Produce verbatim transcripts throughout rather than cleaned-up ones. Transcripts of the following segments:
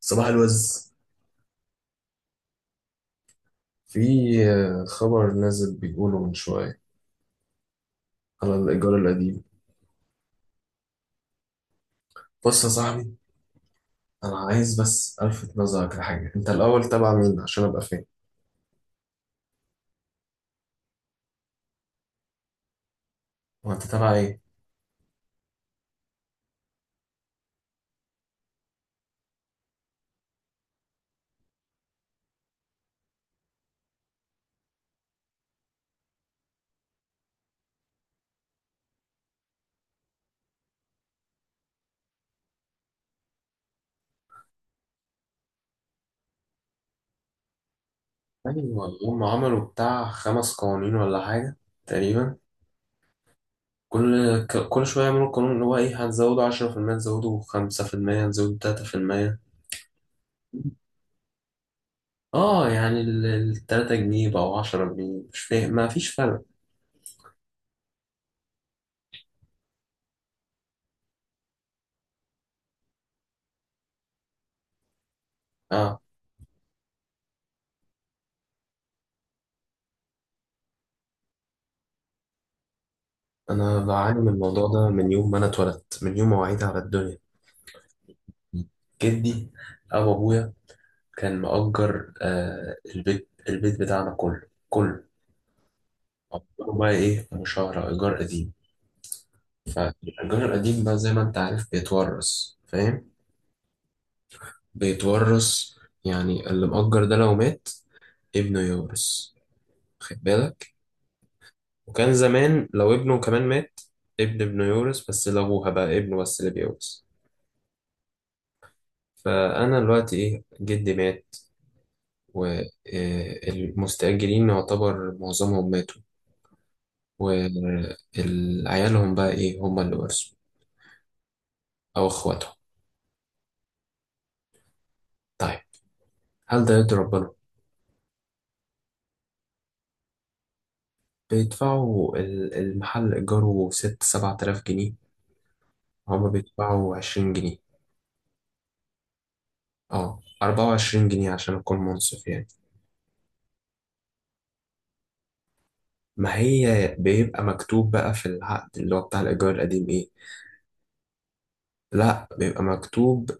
صباح الوز. في آه، خبر نازل بيقوله من شوية على الإيجار القديم. بص يا صاحبي، أنا عايز بس ألفت نظرك لحاجة. أنت الأول تبع مين عشان أبقى فاهم؟ هو أنت تبع إيه؟ أيوة، هم عملوا بتاع خمس قوانين ولا حاجة تقريبا. كل ك- كل شوية يعملوا قانون اللي هو إيه، هتزودوا عشرة في المية، هتزودوا خمسة في المية، هتزودوا تلاتة في المية. آه، يعني التلاتة جنيه بقوا عشرة جنيه، مش فاهم، ما فيش فرق. آه، أنا بعاني من الموضوع ده من يوم ما أنا اتولدت، من يوم ما وعيت على الدنيا. جدي أو أبويا كان مأجر آه البيت البيت بتاعنا كله، كله مأجره بقى إيه، مشاهرة، إيجار قديم. فالإيجار القديم بقى زي ما أنت عارف بيتورث، فاهم. بيتورث. يعني اللي مأجر ده لو مات، ابنه يورث، خد بالك. وكان زمان لو ابنه كمان مات، ابن ابنه يورث، بس لأبوها بقى ابنه بس اللي بيورث. فأنا دلوقتي إيه، جدي مات، والمستأجرين يعتبر معظمهم ماتوا، وعيالهم بقى إيه، هم اللي ورثوا أو إخواتهم. طيب، هل ده يرضي ربنا؟ بيدفعوا ال- المحل إيجاره ست سبعة آلاف جنيه. هما بيدفعوا عشرين جنيه، اه أربعة وعشرين جنيه عشان أكون منصف يعني. ما هي بيبقى مكتوب بقى في العقد اللي هو بتاع الإيجار القديم إيه؟ لا، بيبقى مكتوب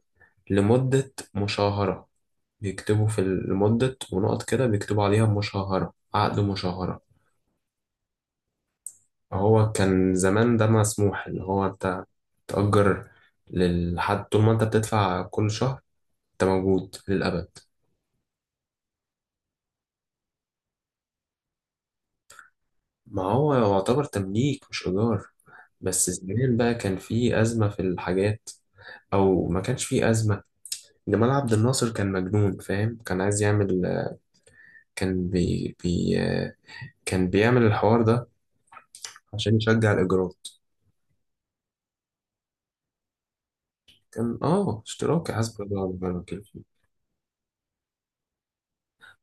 لمدة مشاهرة. بيكتبوا في لمدة ونقط كده، بيكتبوا عليها مشاهرة، عقد مشاهرة. هو كان زمان ده مسموح اللي هو انت تأجر لحد طول ما انت بتدفع كل شهر، انت موجود للأبد. ما هو يعتبر تمليك مش إيجار. بس زمان بقى كان في أزمة في الحاجات، أو ما كانش في أزمة. جمال عبد الناصر كان مجنون، فاهم، كان عايز يعمل، كان بي, بي كان بيعمل الحوار ده عشان يشجع الإيجارات. كان آه اشتراكي، حسب الله ونعم الوكيل فيه.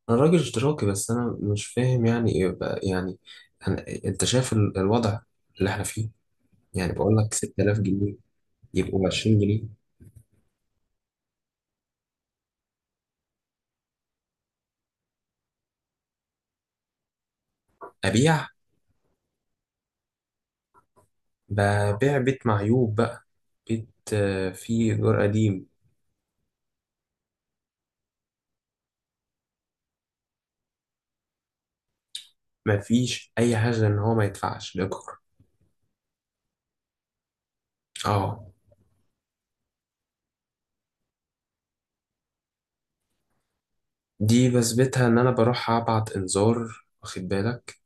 أنا راجل اشتراكي بس أنا مش فاهم يعني إيه بقى يعني. أنا أنت شايف ال- الوضع اللي إحنا فيه. يعني بقول لك ستة آلاف جنيه يبقوا ب عشرين جنيه. ابيع؟ ببيع بيت معيوب بقى، بيت آه، فيه ايجار قديم. مفيش اي حاجه ان هو ما يدفعش الايجار، اه. دي بثبتها ان انا بروح ابعت انذار، واخد بالك.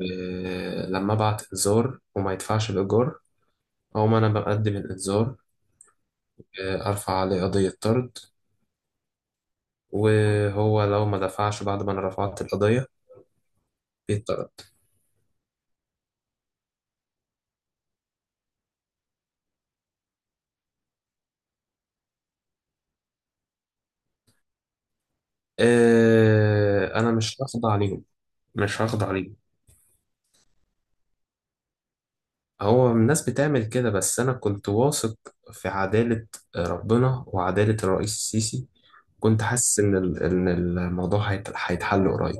آه، لما ابعت انذار وما يدفعش الايجار، هو ما انا بقدم الانذار. آه، ارفع عليه قضيه طرد. وهو لو ما دفعش بعد ما انا رفعت القضيه بيتطرد. آه، انا مش هخضع عليهم. مش هخضع عليهم. هو الناس بتعمل كده، بس أنا كنت واثق في عدالة ربنا وعدالة الرئيس السيسي. كنت حاسس إن ال- إن الموضوع هيت- هيتحل قريب.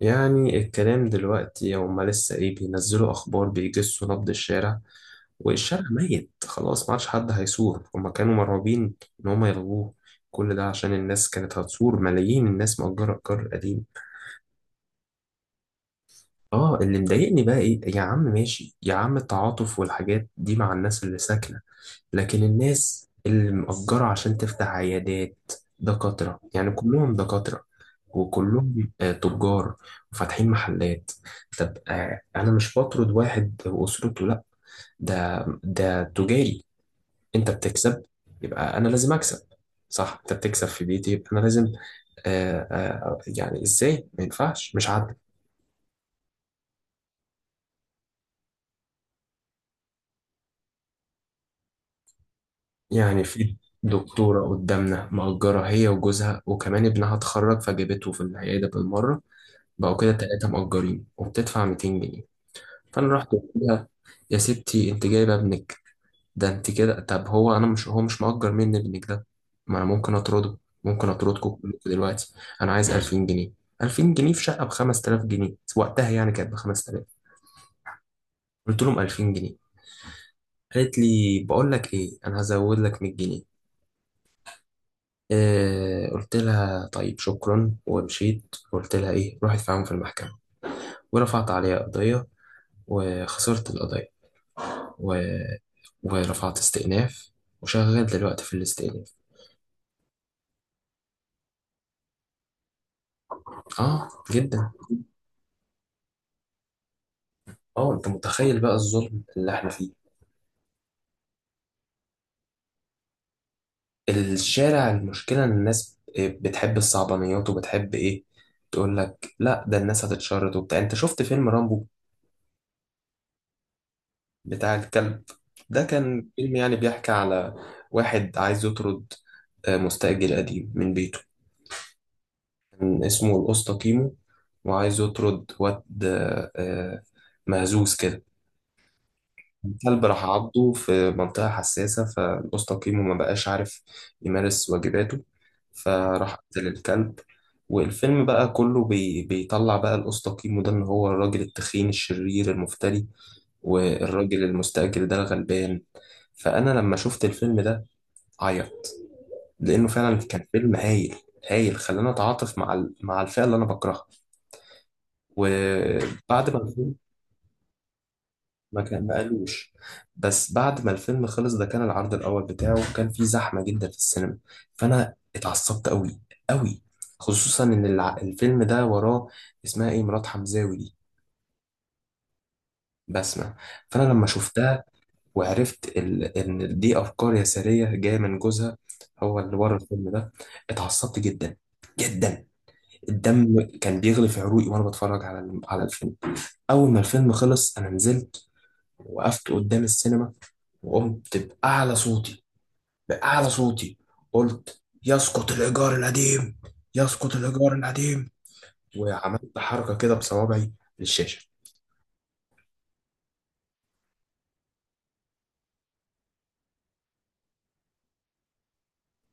يعني الكلام دلوقتي، هما لسه إيه، بينزلوا أخبار بيجسوا نبض الشارع. والشارع ميت خلاص، ما عادش حد هيصور. هما كانوا مرعوبين إن هما يلغوه. كل ده عشان الناس كانت هتصور، ملايين الناس مأجرة القرار قديم. اه، اللي مضايقني بقى ايه، يا عم ماشي، يا عم التعاطف والحاجات دي مع الناس اللي ساكنة، لكن الناس اللي مأجرة عشان تفتح عيادات، دكاترة يعني كلهم دكاترة، وكلهم آه، تجار وفاتحين محلات. طب آه، أنا مش بطرد واحد وأسرته، لأ. ده ده تجاري. أنت بتكسب يبقى أنا لازم أكسب. صح؟ أنت بتكسب في بيتي يبقى أنا لازم آه، آه، يعني إزاي؟ ما ينفعش، مش عادل. يعني في دكتورة قدامنا مأجرة هي وجوزها، وكمان ابنها اتخرج فجابته في العيادة بالمرة. بقوا كده تلاتة مأجرين وبتدفع مئتين جنيه. فأنا رحت قلت لها: يا ستي أنت جايبة ابنك ده، أنت كده. طب هو أنا مش، هو مش مأجر مني ابنك ده، ما أنا ممكن أطرده. ممكن أطردكم كلكم دلوقتي. أنا عايز ألفين جنيه. ألفين جنيه في شقة ب خمس آلاف جنيه وقتها، يعني كانت ب خمس آلاف. قلت لهم ألفين جنيه. قالت لي: بقول لك إيه، أنا هزود لك مية جنيه. آه، قلت لها طيب شكرا ومشيت. قلت لها إيه، روحي ادفعهم في المحكمة. ورفعت عليها قضية وخسرت القضية. و... ورفعت استئناف وشغال دلوقتي في الاستئناف. اه، جدا. اه، انت متخيل بقى الظلم اللي احنا فيه. الشارع المشكلة ان الناس بتحب الصعبانيات وبتحب ايه، تقول لك لا ده الناس هتتشرد وبتاع. انت شفت فيلم رامبو بتاع الكلب؟ ده كان فيلم يعني بيحكي على واحد عايز يطرد آه، مستأجر قديم من بيته. كان اسمه الأسطى كيمو، وعايز يطرد واد آه، آه، مهزوز كده. كلب راح عضه في منطقة حساسة فالقوس تقييمه ما بقاش عارف يمارس واجباته، فراح قتل الكلب. والفيلم بقى كله بي بيطلع بقى القوس تقييمه ده إن هو الراجل التخين الشرير المفتري، والراجل المستأجر ده الغلبان. فأنا لما شفت الفيلم ده عيط، لأنه فعلا كان فيلم هايل. هايل، خلاني أتعاطف مع ال- مع الفئة اللي أنا بكرهها. وبعد ما الفيلم، ما كان ما قالوش. بس بعد ما الفيلم خلص، ده كان العرض الاول بتاعه، كان فيه زحمه جدا في السينما. فانا اتعصبت قوي قوي، خصوصا ان الع- الفيلم ده وراه اسمها ايه مرات حمزاوي دي، بسمة. فانا لما شفتها وعرفت ال- ان دي افكار يساريه جايه من جوزها، هو اللي ورا الفيلم ده، اتعصبت جدا جدا. الدم كان بيغلي في عروقي وانا بتفرج على على الفيلم. اول ما الفيلم خلص، انا نزلت وقفت قدام السينما وقمت بأعلى صوتي، بأعلى صوتي قلت: يسقط الإيجار القديم، يسقط الإيجار القديم. وعملت حركة كده بصوابعي للشاشة.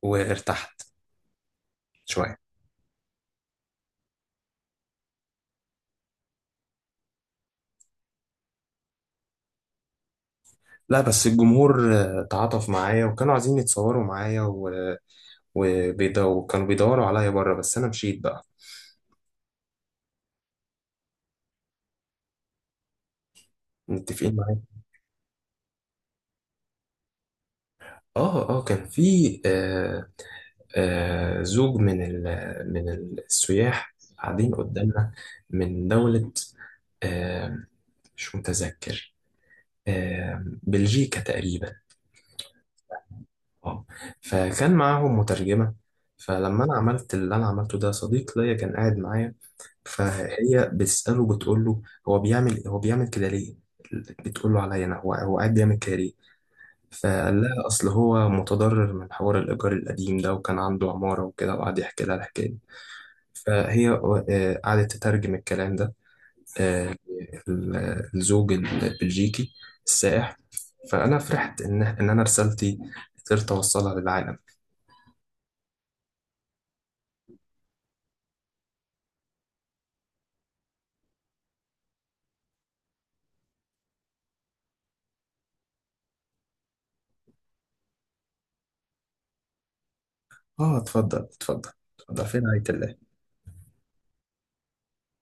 وارتحت شوية. لا، بس الجمهور آه، تعاطف معايا وكانوا عايزين يتصوروا معايا و... وبيدو... وكانوا بيدوروا عليا بره، بس أنا مشيت بقى. متفقين معايا، اه اه. كان في آه آه، زوج من ال- من السياح قاعدين قدامنا، من دولة آه، مش متذكر، آه، بلجيكا تقريبا. اه. فكان معاهم مترجمة. فلما انا عملت اللي انا عملته ده، صديق ليا كان قاعد معايا. فهي بتسأله، بتقول له: هو بيعمل هو بيعمل كده ليه. بتقول له عليا انا، هو، هو قاعد بيعمل كده ليه. فقال لها: اصل هو متضرر من حوار الايجار القديم ده، وكان عنده عمارة وكده، وقعد يحكي لها الحكاية. فهي آه، قعدت تترجم الكلام ده، آه، ال- الزوج البلجيكي السائح. فأنا فرحت إن إن أنا رسالتي قدرت أوصلها للعالم. آه، اتفضل اتفضل. اتفضل فين عيلة.